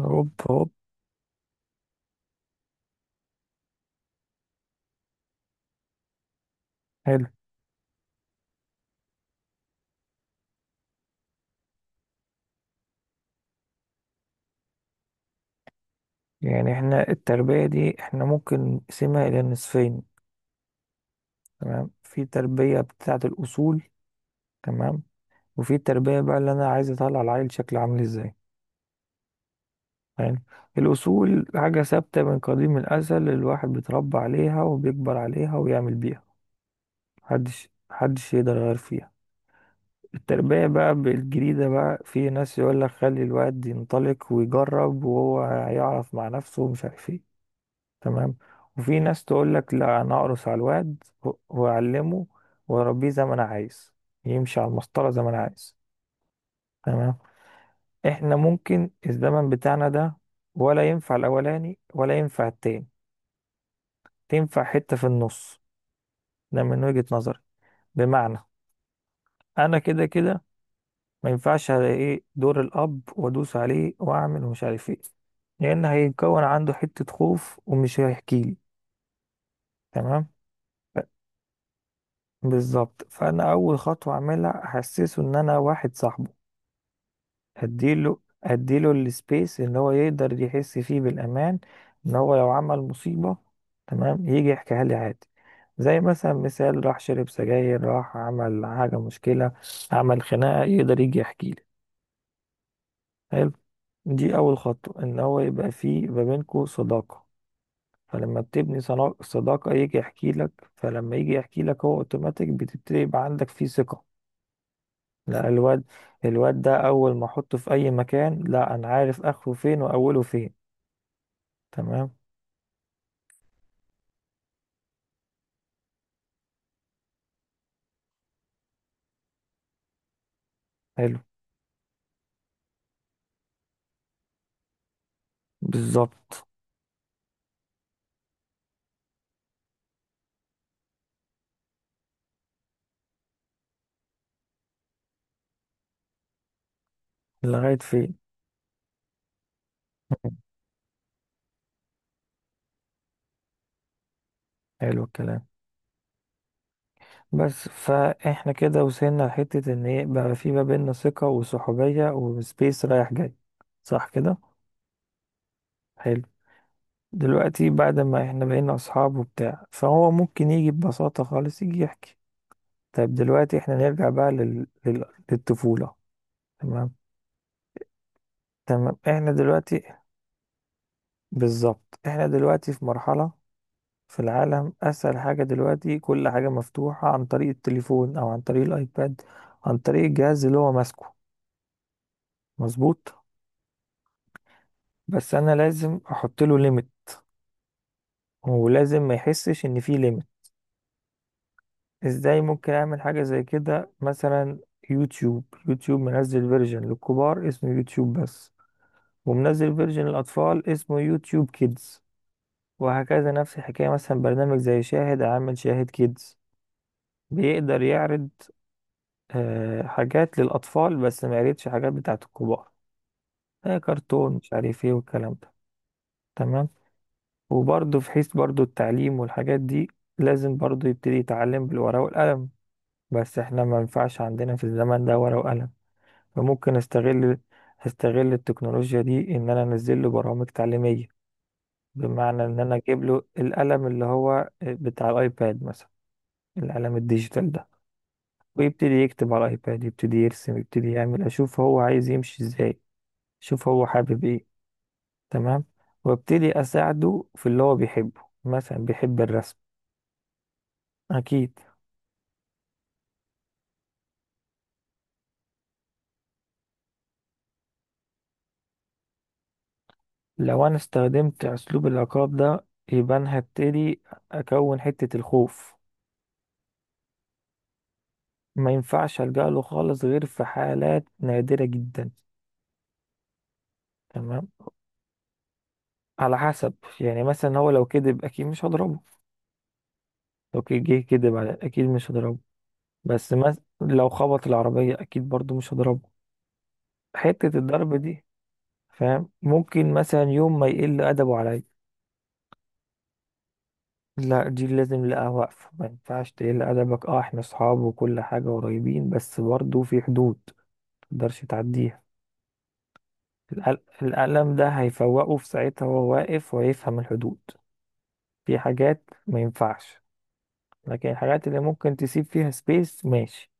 هوب هوب. حلو. يعني احنا التربية دي احنا ممكن نقسمها إلى نصفين. تمام، في تربية بتاعة الأصول. تمام. وفي تربية بقى اللي أنا عايز أطلع العيل شكله عامل إزاي. يعني الأصول حاجة ثابتة من قديم الأزل، الواحد بيتربى عليها وبيكبر عليها ويعمل بيها. محدش يقدر يغير فيها. التربية بقى بالجريدة، بقى في ناس يقول لك خلي الواد ينطلق ويجرب وهو هيعرف مع نفسه ومش عارف ايه. تمام. وفي ناس تقول لك لا، انا اقرص على الواد واعلمه، واربيه زي ما انا عايز، يمشي على المسطره زي ما انا عايز. تمام. احنا ممكن الزمن بتاعنا ده، ولا ينفع الاولاني ولا ينفع التاني، تنفع حته في النص. ده من وجهه نظري. بمعنى، انا كده كده ما ينفعش، على ايه دور الاب وادوس عليه واعمل ومش عارف ايه، لان هيتكون عنده حته خوف ومش هيحكي لي. تمام. بالظبط. فانا اول خطوه اعملها احسسه ان انا واحد صاحبه. هديله هديله السبيس ان هو يقدر يحس فيه بالامان. ان هو لو عمل مصيبه، تمام، يجي يحكيها لي عادي. زي مثلا، مثال، راح شرب سجاير، راح عمل حاجه مشكله، عمل خناقه، يقدر يجي يحكي لي. حلو. دي اول خطوه، ان هو يبقى فيه ما بينكوا صداقه. فلما بتبني صداقه يجي يحكي لك. فلما يجي يحكي لك هو اوتوماتيك بتبتدي يبقى عندك فيه ثقه. لا، الواد ده اول ما احطه في اي مكان، لا انا عارف اخره فين واوله فين. تمام. حلو. بالظبط. لغاية فين. حلو الكلام. بس فاحنا كده وصلنا لحتة ان ايه بقى، في ما بيننا ثقة وصحوبية وسبيس رايح جاي. صح كده. حلو. دلوقتي بعد ما احنا بقينا اصحاب وبتاع، فهو ممكن يجي ببساطة خالص يجي يحكي. طيب دلوقتي احنا نرجع بقى للطفولة. تمام. تمام. احنا دلوقتي. بالظبط احنا دلوقتي في مرحلة. في العالم اسهل حاجة دلوقتي، كل حاجة مفتوحة عن طريق التليفون او عن طريق الايباد، عن طريق الجهاز اللي هو ماسكه. مظبوط. بس انا لازم احط له ليميت، ولازم ما يحسش ان في ليميت. ازاي ممكن اعمل حاجة زي كده مثلا؟ يوتيوب منزل فيرجن للكبار اسمه يوتيوب بس، ومنزل فيرجن للاطفال اسمه يوتيوب كيدز. وهكذا نفس الحكاية. مثلا برنامج زي شاهد عامل شاهد كيدز، بيقدر يعرض حاجات للأطفال بس، ما قريتش حاجات بتاعة الكبار، كرتون مش عارف ايه والكلام ده. تمام. وبرضه في حيث برضه التعليم والحاجات دي، لازم برضه يبتدي يتعلم بالورقة والقلم. بس احنا ما ينفعش عندنا في الزمن ده ورقة وقلم، فممكن استغل التكنولوجيا دي ان انا انزل له برامج تعليمية. بمعنى ان انا اجيب له القلم اللي هو بتاع الايباد مثلا، القلم الديجيتال ده. ويبتدي يكتب على الايباد، يبتدي يرسم، يبتدي يعمل، اشوف هو عايز يمشي ازاي، شوف هو حابب ايه. تمام. وابتدي اساعده في اللي هو بيحبه، مثلا بيحب الرسم. اكيد. لو انا استخدمت اسلوب العقاب ده، يبقى انا هبتدي اكون حتة الخوف. ما ينفعش الجأ له خالص غير في حالات نادرة جدا. تمام. على حسب. يعني مثلا هو لو كذب اكيد مش هضربه. لو جه كذب على اكيد مش هضربه. بس مثلا لو خبط العربية اكيد برضو مش هضربه. حتة الضرب دي. فاهم. ممكن مثلا يوم ما يقل ادبه عليا، لا دي لازم لا واقفة، ما ينفعش تقل أدبك. اه احنا صحاب وكل حاجة قريبين، بس برضه في حدود متقدرش تعديها. القلم ده هيفوقه في ساعتها وهو واقف، وهيفهم الحدود. في حاجات ما ينفعش. لكن الحاجات اللي ممكن تسيب فيها سبيس، ماشي.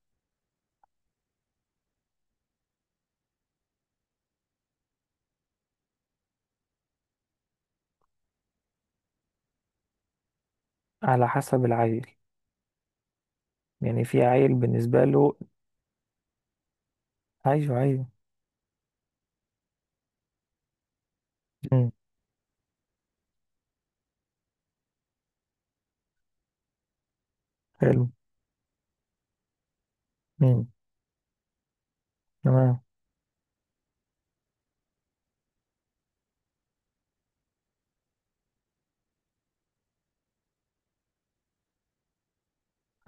على حسب العيل. يعني في عيل بالنسبة له. أيوه، أيوه. مم. حلو. مم. تمام.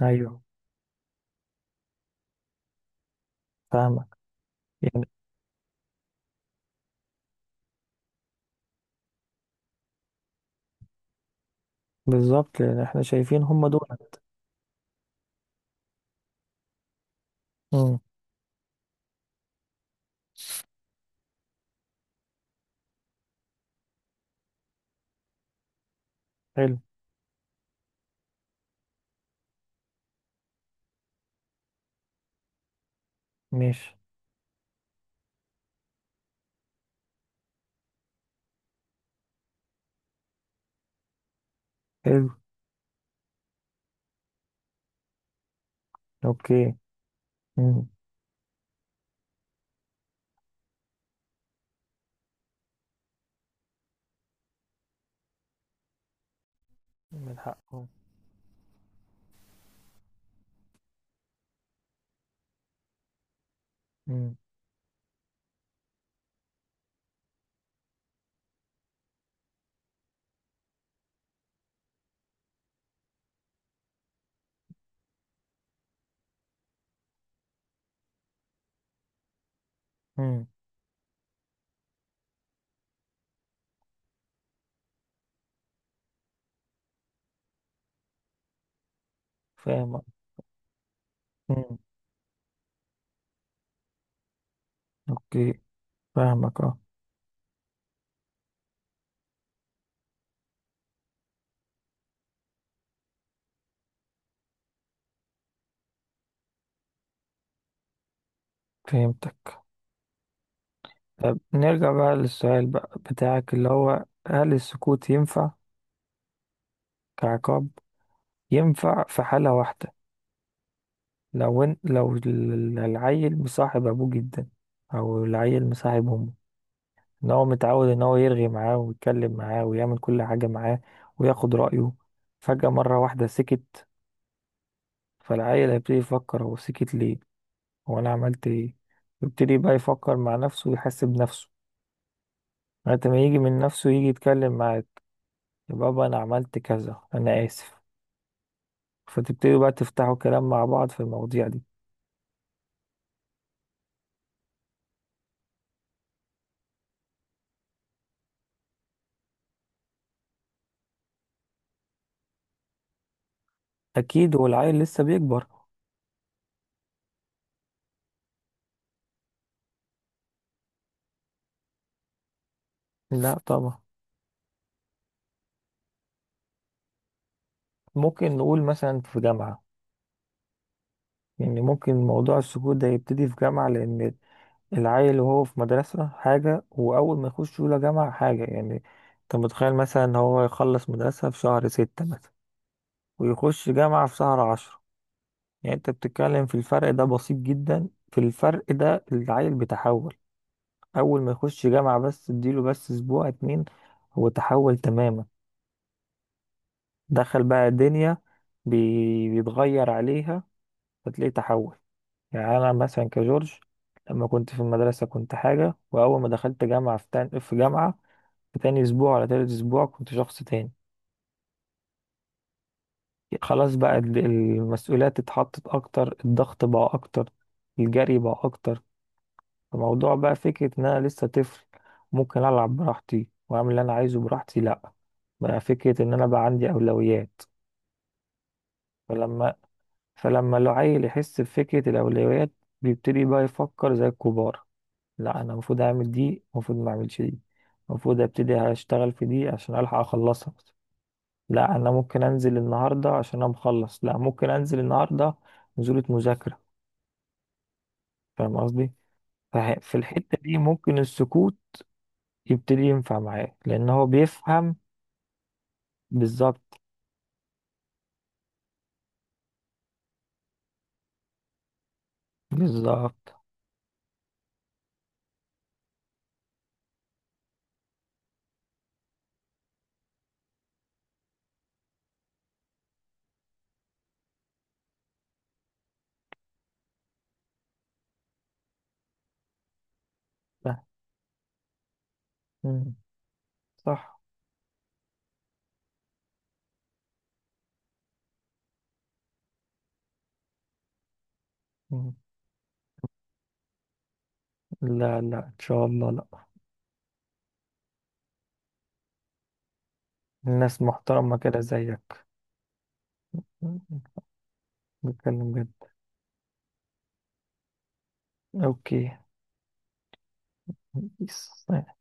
أيوه. فاهمك. يعني بالظبط، لأن احنا شايفين هم دول. مم. حلو. ماشي. حلو. اوكي. مم. من حقهم. مم. مم. فاهمك. مم. اوكي. فاهمك اه. فهمتك. طب نرجع بقى للسؤال بقى بتاعك، اللي هو هل السكوت ينفع كعقاب؟ ينفع في حالة واحدة. لو العيل مصاحب ابوه جدا، او العيل مصاحب امه. ان هو متعود ان هو يرغي معاه ويتكلم معاه ويعمل كل حاجة معاه وياخد رأيه، فجأة مرة واحدة سكت. فالعيل هيبتدي يفكر، هو سكت ليه، هو انا عملت ايه؟ يبتدي بقى يفكر مع نفسه ويحاسب نفسه لغاية ما يجي من نفسه يجي يتكلم معاك. يا بابا انا عملت كذا، انا اسف. فتبتدوا بقى تفتحوا كلام مع بعض في المواضيع دي. اكيد هو العيل لسه بيكبر. لا طبعا. ممكن نقول مثلا في جامعة. يعني ممكن موضوع السكوت ده يبتدي في جامعة، لان العيل وهو في مدرسة حاجة، واول ما يخش اولى جامعة حاجة. يعني انت متخيل مثلا إن هو يخلص مدرسة في شهر 6 مثلا، ويخش جامعة في شهر 10. يعني انت بتتكلم في الفرق، ده بسيط جدا. في الفرق ده العيل بيتحول. اول ما يخش جامعة، بس اديله بس اسبوع 2، هو تحول تماما. دخل بقى دنيا، بيتغير عليها، فتلاقيه تحول. يعني انا مثلا كجورج، لما كنت في المدرسة كنت حاجة، واول ما دخلت جامعة في جامعة، في تاني اسبوع ولا تالت اسبوع كنت شخص تاني. خلاص بقى المسؤوليات اتحطت اكتر، الضغط بقى اكتر، الجري بقى اكتر. فموضوع بقى فكرة إن أنا لسه طفل، ممكن ألعب براحتي وأعمل اللي أنا عايزه براحتي، لأ بقى فكرة إن أنا بقى عندي أولويات. فلما فلما العيل يحس بفكرة الأولويات، بيبتدي بقى يفكر زي الكبار. لأ أنا المفروض أعمل دي، المفروض ما أعملش دي، المفروض أبتدي أشتغل في دي عشان ألحق أخلصها. لأ أنا ممكن أنزل النهاردة عشان أنا مخلص، لأ ممكن أنزل النهاردة نزولة مذاكرة. فاهم قصدي؟ في الحتة دي ممكن السكوت يبتدي ينفع معاه، لأن هو بيفهم. بالظبط. بالظبط. ف- مم. صح. مم. لا لا، إن شاء الله لا. الناس محترمة كده زيك. مم. بتكلم جد. أوكي. بيس.